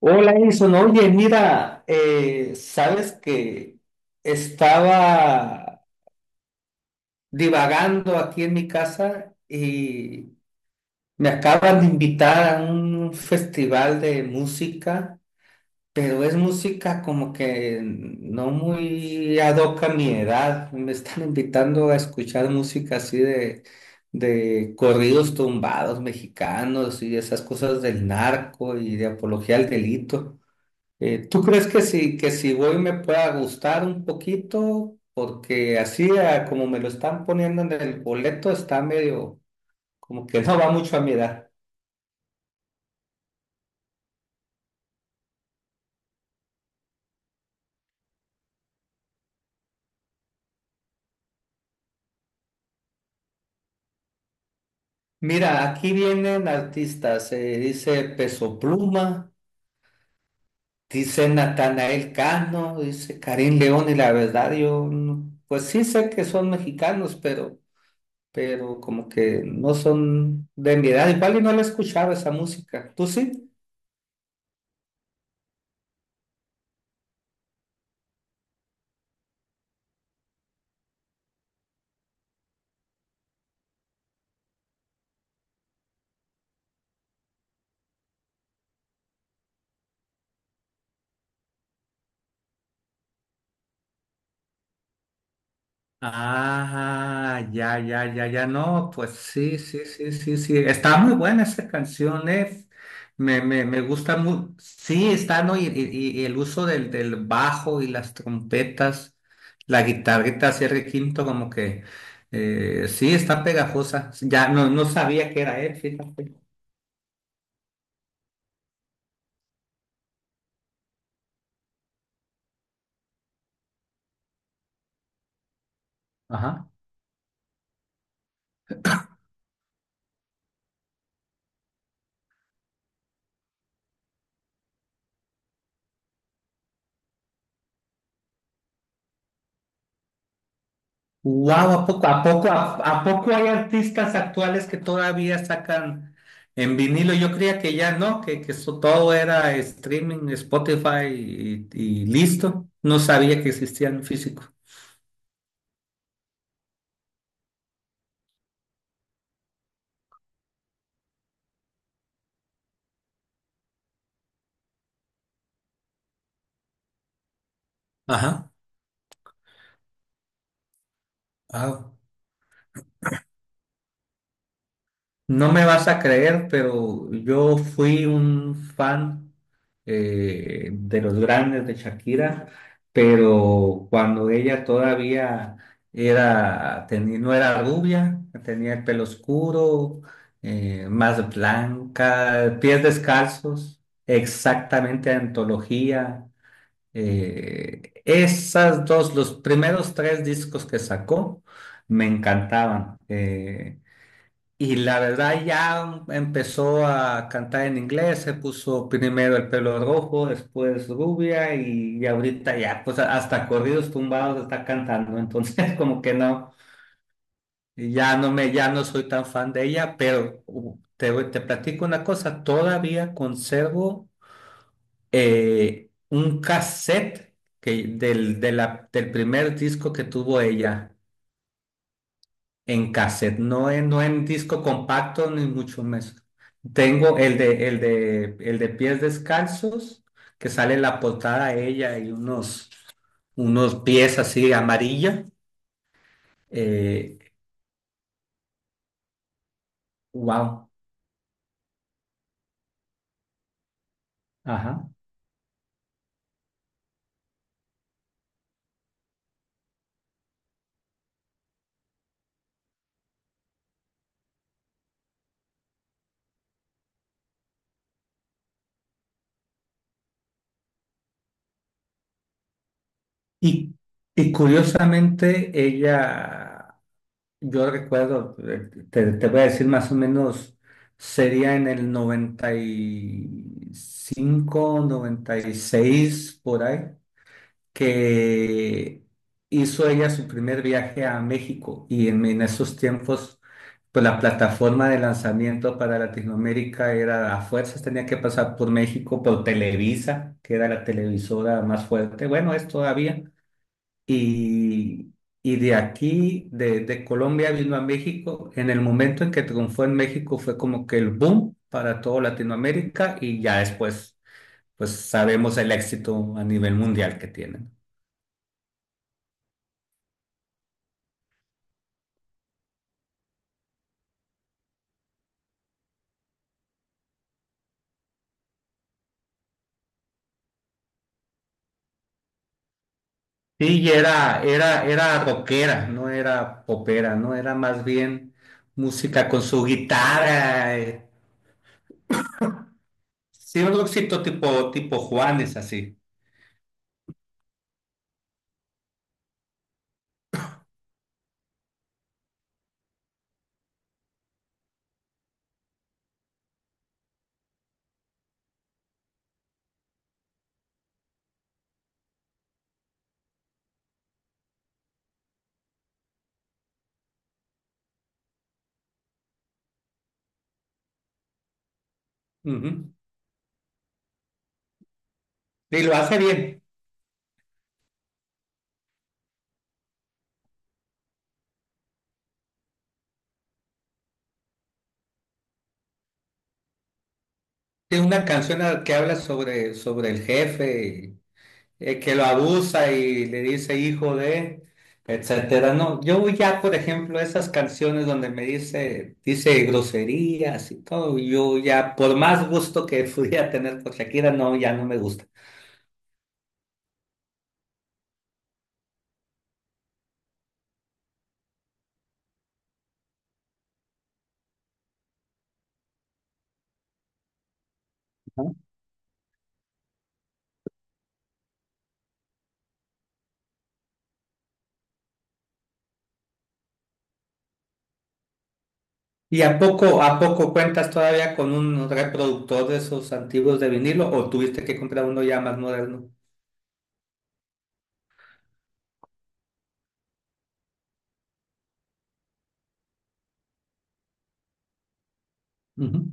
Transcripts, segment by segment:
Hola, Edison. Oye, mira, sabes que estaba divagando aquí en mi casa y me acaban de invitar a un festival de música, pero es música como que no muy ad hoc a mi edad. Me están invitando a escuchar música así de corridos tumbados mexicanos y esas cosas del narco y de apología al delito. ¿Tú crees que si voy me pueda gustar un poquito? Porque así, como me lo están poniendo en el boleto, está medio como que no va mucho a mirar. Mira, aquí vienen artistas, dice Peso Pluma, dice Natanael Cano, dice Karim León, y la verdad yo, pues sí sé que son mexicanos, pero como que no son de mi edad, igual y no la escuchaba esa música. ¿Tú sí? Ah, ya, ya, ya, ya, no, pues sí, sí, sí, sí, sí, está muy buena esa canción. Me gusta muy, sí, está, ¿no? Y el uso del bajo y las trompetas, la guitarrita cierre quinto, como que, sí, está pegajosa, ya, no, no sabía que era él, fíjate. Ajá. Wow, ¿a poco hay artistas actuales que todavía sacan en vinilo? Yo creía que ya no, que eso todo era streaming, Spotify y listo. No sabía que existían físico. Ajá. Ah. No me vas a creer, pero yo fui un fan de los grandes de Shakira, pero cuando ella todavía no era rubia, tenía el pelo oscuro, más blanca, pies descalzos, exactamente antología. Esas dos, los primeros tres discos que sacó me encantaban. Y la verdad ya empezó a cantar en inglés, se puso primero el pelo rojo, después rubia y ahorita ya, hasta corridos tumbados está cantando, entonces como que no, ya no soy tan fan de ella, pero te platico una cosa, todavía conservo un cassette que, del, de la- del primer disco que tuvo ella. En cassette, no en disco compacto, ni mucho menos. Tengo el de pies descalzos, que sale en la portada ella y unos pies así amarilla. Eh, wow. Ajá. Y, y curiosamente, yo recuerdo, te voy a decir más o menos, sería en el noventa noventa y cinco noventa y seis por ahí. Que hizo ella su primer viaje a México y en esos tiempos, pues la plataforma de lanzamiento para Latinoamérica era a fuerzas, tenía que pasar por México, por Televisa, que era la televisora más fuerte, bueno, es todavía, y, y de aquí, de Colombia vino a México, en el momento en que triunfó en México fue como que el boom para toda Latinoamérica y ya después, pues sabemos el éxito a nivel mundial que tienen. Sí, y era rockera, no era popera, no era más bien música con su guitarra. Sí, un rockcito tipo Juanes, así. Ujú. Y lo hace bien. Tiene una canción que habla sobre el jefe, que lo abusa y le dice hijo de, etcétera. No, yo ya, por ejemplo, esas canciones donde dice groserías y todo, yo ya, por más gusto que pudiera tener por Shakira, no, ya no me gusta. ¿Y a poco cuentas todavía con un reproductor de esos antiguos de vinilo o tuviste que comprar uno ya más moderno? Ujú.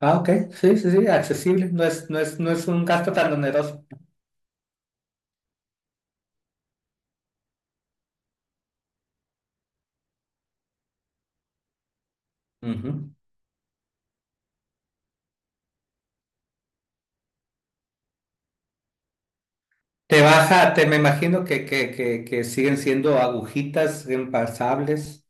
Ah, ok. Sí, sí, sí, accesible. No es un gasto tan oneroso. Ujú. Te me imagino que siguen siendo agujitas reemplazables.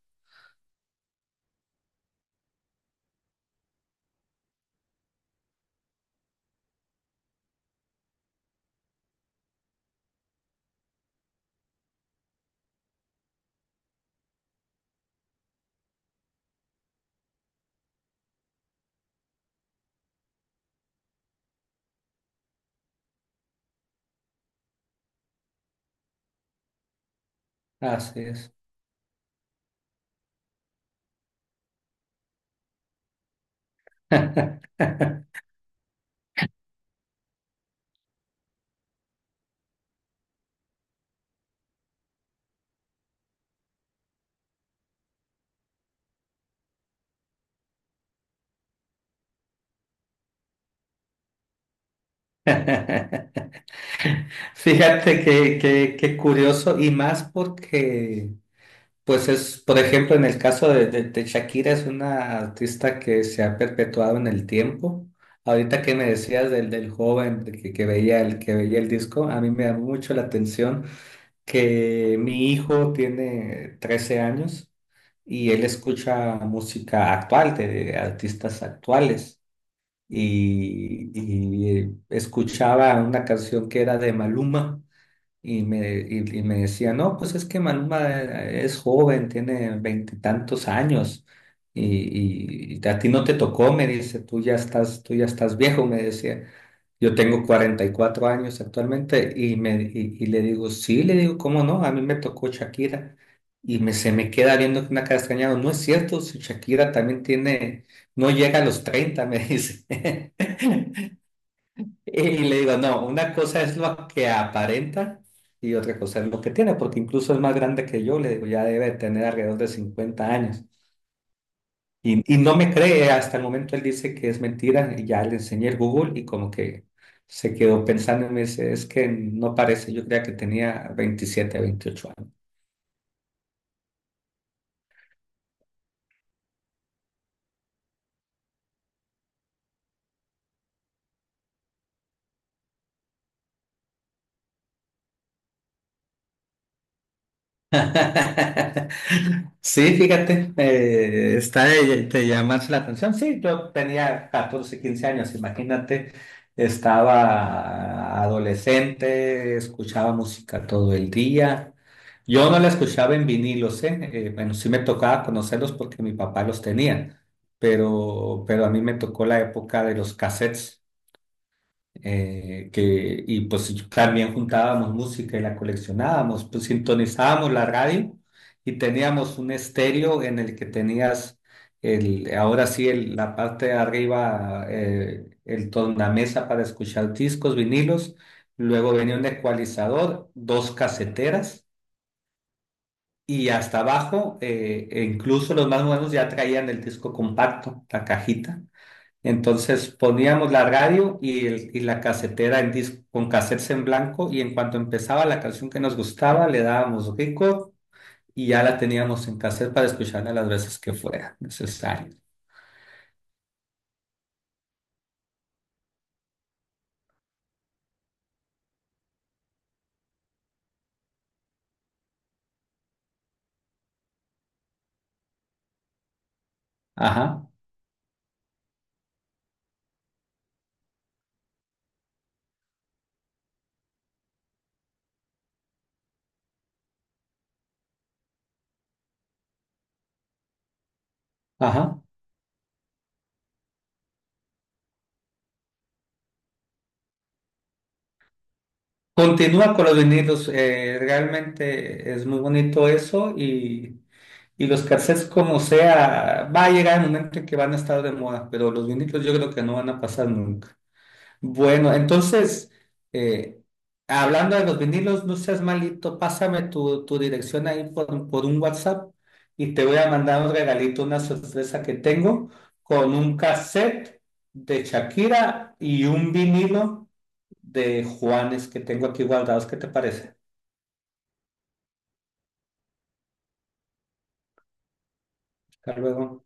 Así es. Fíjate que curioso y más porque pues es, por ejemplo, en el caso de Shakira, es una artista que se ha perpetuado en el tiempo. Ahorita que me decías del joven de que veía el disco, a mí me llamó mucho la atención que mi hijo tiene 13 años y él escucha música actual, de artistas actuales, y escuchaba una canción que era de Maluma y me decía, no, pues es que Maluma es joven, tiene veintitantos años y a ti no te tocó, me dice, tú ya estás viejo, me decía. Yo tengo 44 años actualmente y le digo, sí, le digo, ¿cómo no? A mí me tocó Shakira se me queda viendo con una cara extrañada. No es cierto, si Shakira también tiene, no llega a los 30 me dice. Y le digo, no, una cosa es lo que aparenta y otra cosa es lo que tiene, porque incluso es más grande que yo, le digo, ya debe de tener alrededor de 50 años. Y no me cree, hasta el momento él dice que es mentira y ya le enseñé el Google y como que se quedó pensando y me dice, es que no parece, yo creía que tenía 27 28 años. Sí, fíjate, está de llamarse la atención. Sí, yo tenía 14, 15 años, imagínate, estaba adolescente, escuchaba música todo el día. Yo no la escuchaba en vinilos, ¿eh? Bueno, sí me tocaba conocerlos porque mi papá los tenía, pero a mí me tocó la época de los cassettes y pues yo también juntábamos música y la coleccionábamos, pues sintonizábamos la radio y teníamos un estéreo en el que tenías ahora sí, la parte de arriba, el tornamesa para escuchar discos, vinilos, luego venía un ecualizador, dos caseteras. Y hasta abajo, e incluso los más modernos ya traían el disco compacto, la cajita. Entonces poníamos la radio y la casetera en disco, con cassettes en blanco y en cuanto empezaba la canción que nos gustaba le dábamos record y ya la teníamos en cassette para escucharla las veces que fuera necesario. Ajá, ajá. Continúa con los vinilos, realmente es muy bonito eso y los cassettes como sea, va a llegar el momento en que van a estar de moda, pero los vinilos yo creo que no van a pasar nunca. Bueno, entonces, eh, hablando de los vinilos, no seas malito, pásame tu dirección ahí por un WhatsApp y te voy a mandar un regalito, una sorpresa que tengo con un cassette de Shakira y un vinilo de Juanes que tengo aquí guardados. ¿Qué te parece? Hasta luego.